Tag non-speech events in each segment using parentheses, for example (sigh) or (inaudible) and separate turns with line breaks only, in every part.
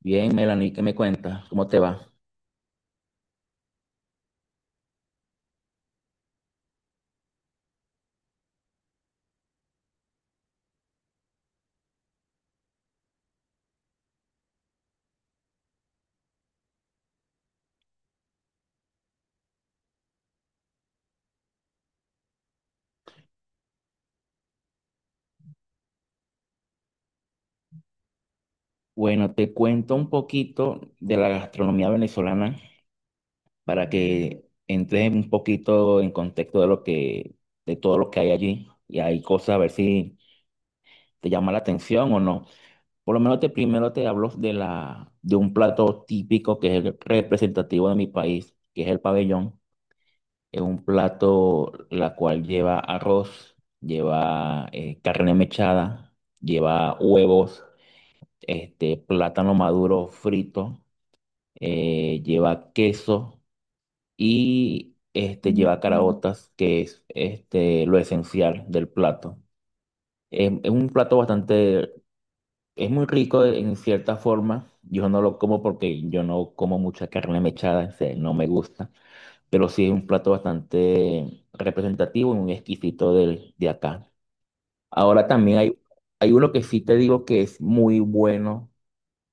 Bien, Melanie, ¿qué me cuentas? ¿Cómo te va? Bueno, te cuento un poquito de la gastronomía venezolana para que entres un poquito en contexto de de todo lo que hay allí. Y hay cosas, a ver si te llama la atención o no. Por lo menos primero te hablo de de un plato típico que es el representativo de mi país, que es el pabellón. Es un plato la cual lleva arroz, lleva carne mechada, lleva huevos. Plátano maduro frito, lleva queso y lleva caraotas, que es lo esencial del plato. Es un plato es muy rico en cierta forma. Yo no lo como porque yo no como mucha carne mechada, o sea, no me gusta, pero sí es un plato bastante representativo y un exquisito de acá. Ahora también hay uno que sí te digo que es muy bueno,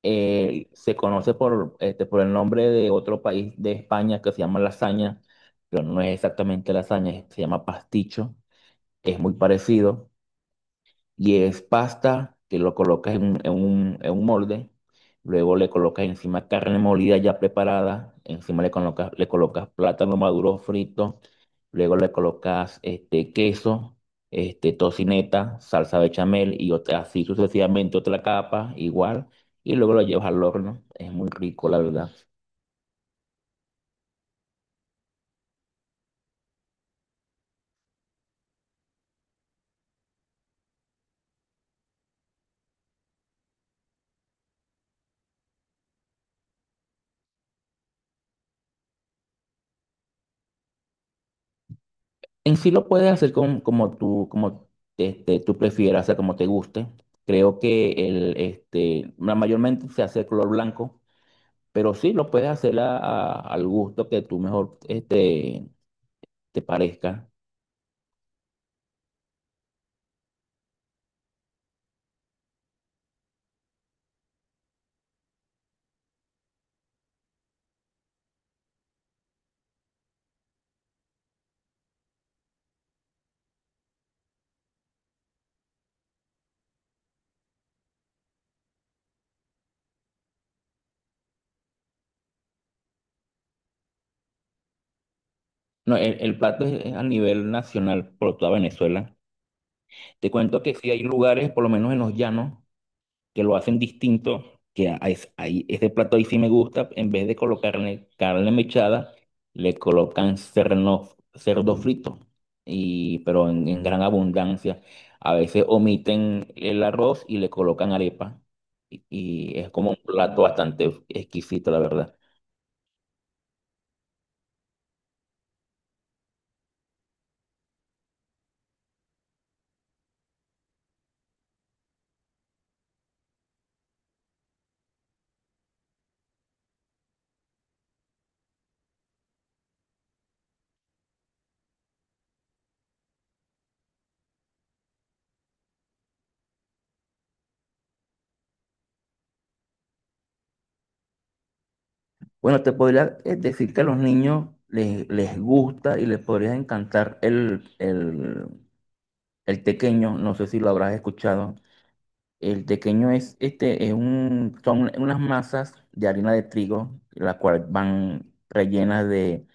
se conoce por el nombre de otro país de España que se llama lasaña, pero no es exactamente lasaña, se llama pasticho, es muy parecido. Y es pasta que lo colocas en un molde, luego le colocas encima carne molida ya preparada, encima le colocas plátano maduro frito, luego le colocas este queso, este tocineta, salsa bechamel y otra, así sucesivamente otra capa igual, y luego lo llevas al horno. Es muy rico, la verdad. En sí lo puedes hacer como tú prefieras, o sea, como te guste. Creo que mayormente se hace de color blanco. Pero sí, lo puedes hacer al gusto que tú mejor te parezca. No, el plato es a nivel nacional por toda Venezuela. Te cuento que sí hay lugares, por lo menos en los llanos, que lo hacen distinto, que a- es- ahí, ese plato ahí sí me gusta. En vez de colocarle carne mechada, le colocan cerdo frito, y, pero en gran abundancia. A veces omiten el arroz y le colocan arepa, y es como un plato bastante exquisito, la verdad. Bueno, te podría, decir que a los niños les gusta y les podría encantar el tequeño, no sé si lo habrás escuchado. El tequeño es son unas masas de harina de trigo, las cuales van rellenas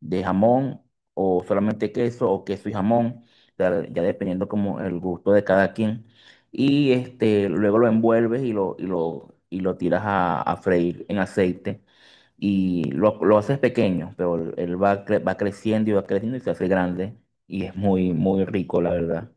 de jamón o solamente queso o queso y jamón, ya dependiendo como el gusto de cada quien. Y este, luego lo envuelves y lo tiras a freír en aceite lo haces pequeño, pero él va creciendo y se hace grande y es muy, muy rico, la verdad.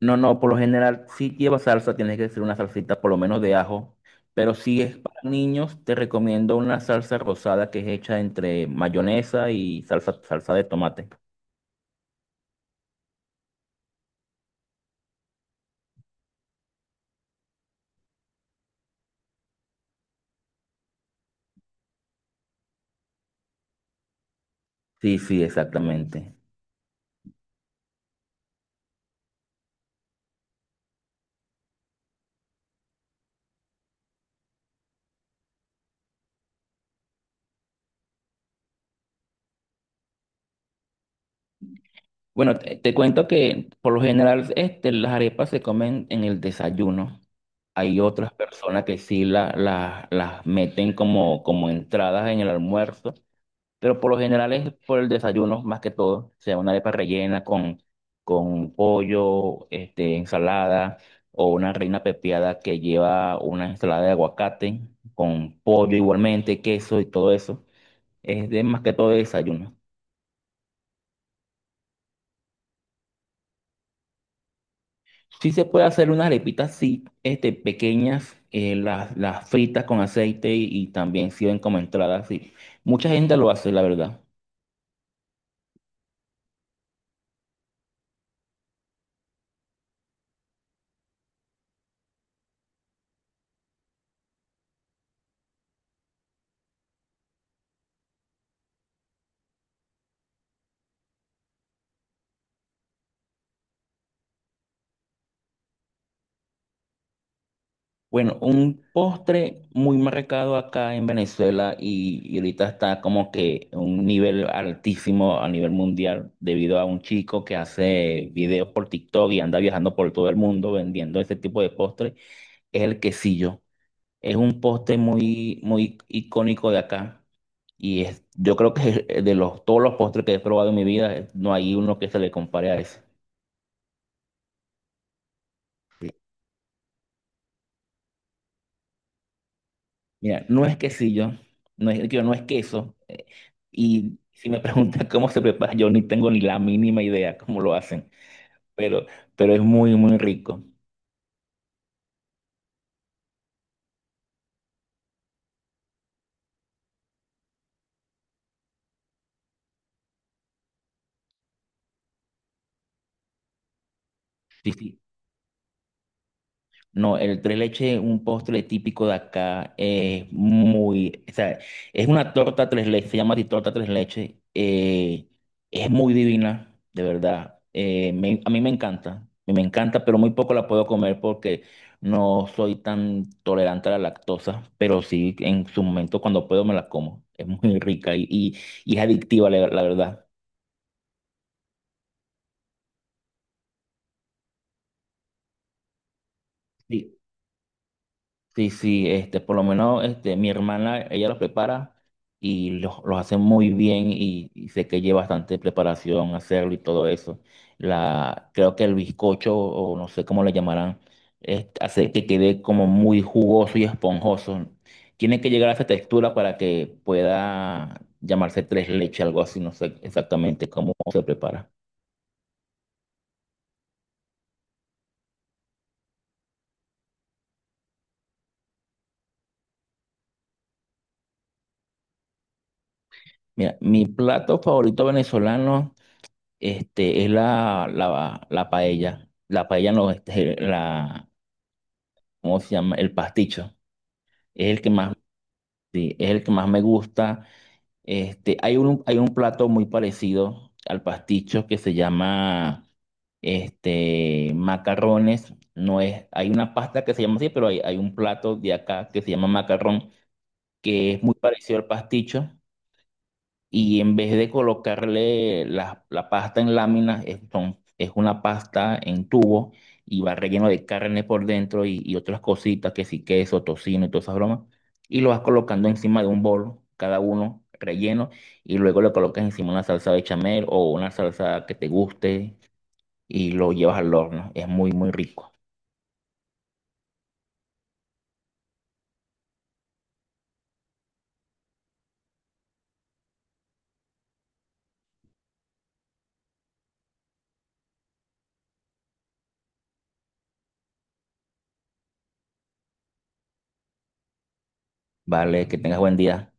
No, no, por lo general, si lleva salsa, tienes que hacer una salsita por lo menos de ajo. Pero si es para niños, te recomiendo una salsa rosada que es hecha entre mayonesa y salsa de tomate. Sí, sí, exactamente. Bueno, te cuento que por lo general este, las arepas se comen en el desayuno. Hay otras personas que sí las meten como, como entradas en el almuerzo. Pero por lo general es por el desayuno, más que todo. O sea, una arepa rellena con pollo, este, ensalada, o una reina pepiada que lleva una ensalada de aguacate, con pollo igualmente, queso y todo eso. Es de más que todo de desayuno. Sí se puede hacer unas arepitas, sí, este, pequeñas, las fritas con aceite y también sirven como entrada, sí. Mucha gente lo hace, la verdad. Bueno, un postre muy marcado acá en Venezuela y ahorita está como que un nivel altísimo a nivel mundial debido a un chico que hace videos por TikTok y anda viajando por todo el mundo vendiendo ese tipo de postre, es el quesillo. Es un postre muy, muy icónico de acá y es, yo creo que es de los, todos los postres que he probado en mi vida, no hay uno que se le compare a ese. Mira, no es quesillo, no digo, no es queso. Y si me (laughs) preguntan cómo se prepara, yo ni tengo ni la mínima idea cómo lo hacen, pero, pero es muy, muy rico. Sí, sí. No, el tres leches es un postre típico de acá, es muy, o sea, es una torta tres leches, se llama así, torta tres leches, es muy divina, de verdad, a mí me encanta, pero muy poco la puedo comer porque no soy tan tolerante a la lactosa, pero sí, en su momento cuando puedo me la como, es muy rica y es adictiva, la verdad. Sí. Sí, sí, este, por lo menos este, mi hermana, ella los prepara y los hace muy bien y sé que lleva bastante preparación hacerlo y todo eso. Creo que el bizcocho, o no sé cómo le llamarán, es- hace que quede como muy jugoso y esponjoso. Tiene que llegar a esa textura para que pueda llamarse tres leches, algo así, no sé exactamente cómo se prepara. Mira, mi plato favorito venezolano. Este, es la paella. La paella no, ¿cómo se llama? El pasticho. Es el que más, sí, es el que más me gusta. Este, hay un plato muy parecido al pasticho que se llama, este, macarrones. No es, hay una pasta que se llama así, pero hay un plato de acá que se llama macarrón, que es muy parecido al pasticho. Y en vez de colocarle la pasta en láminas, es una pasta en tubo y va relleno de carne por dentro y otras cositas, que sí, queso, tocino y todas esas bromas, y lo vas colocando encima de un bol, cada uno relleno, y luego le colocas encima una salsa bechamel o una salsa que te guste y lo llevas al horno. Es muy, muy rico. Vale, que tengas buen día.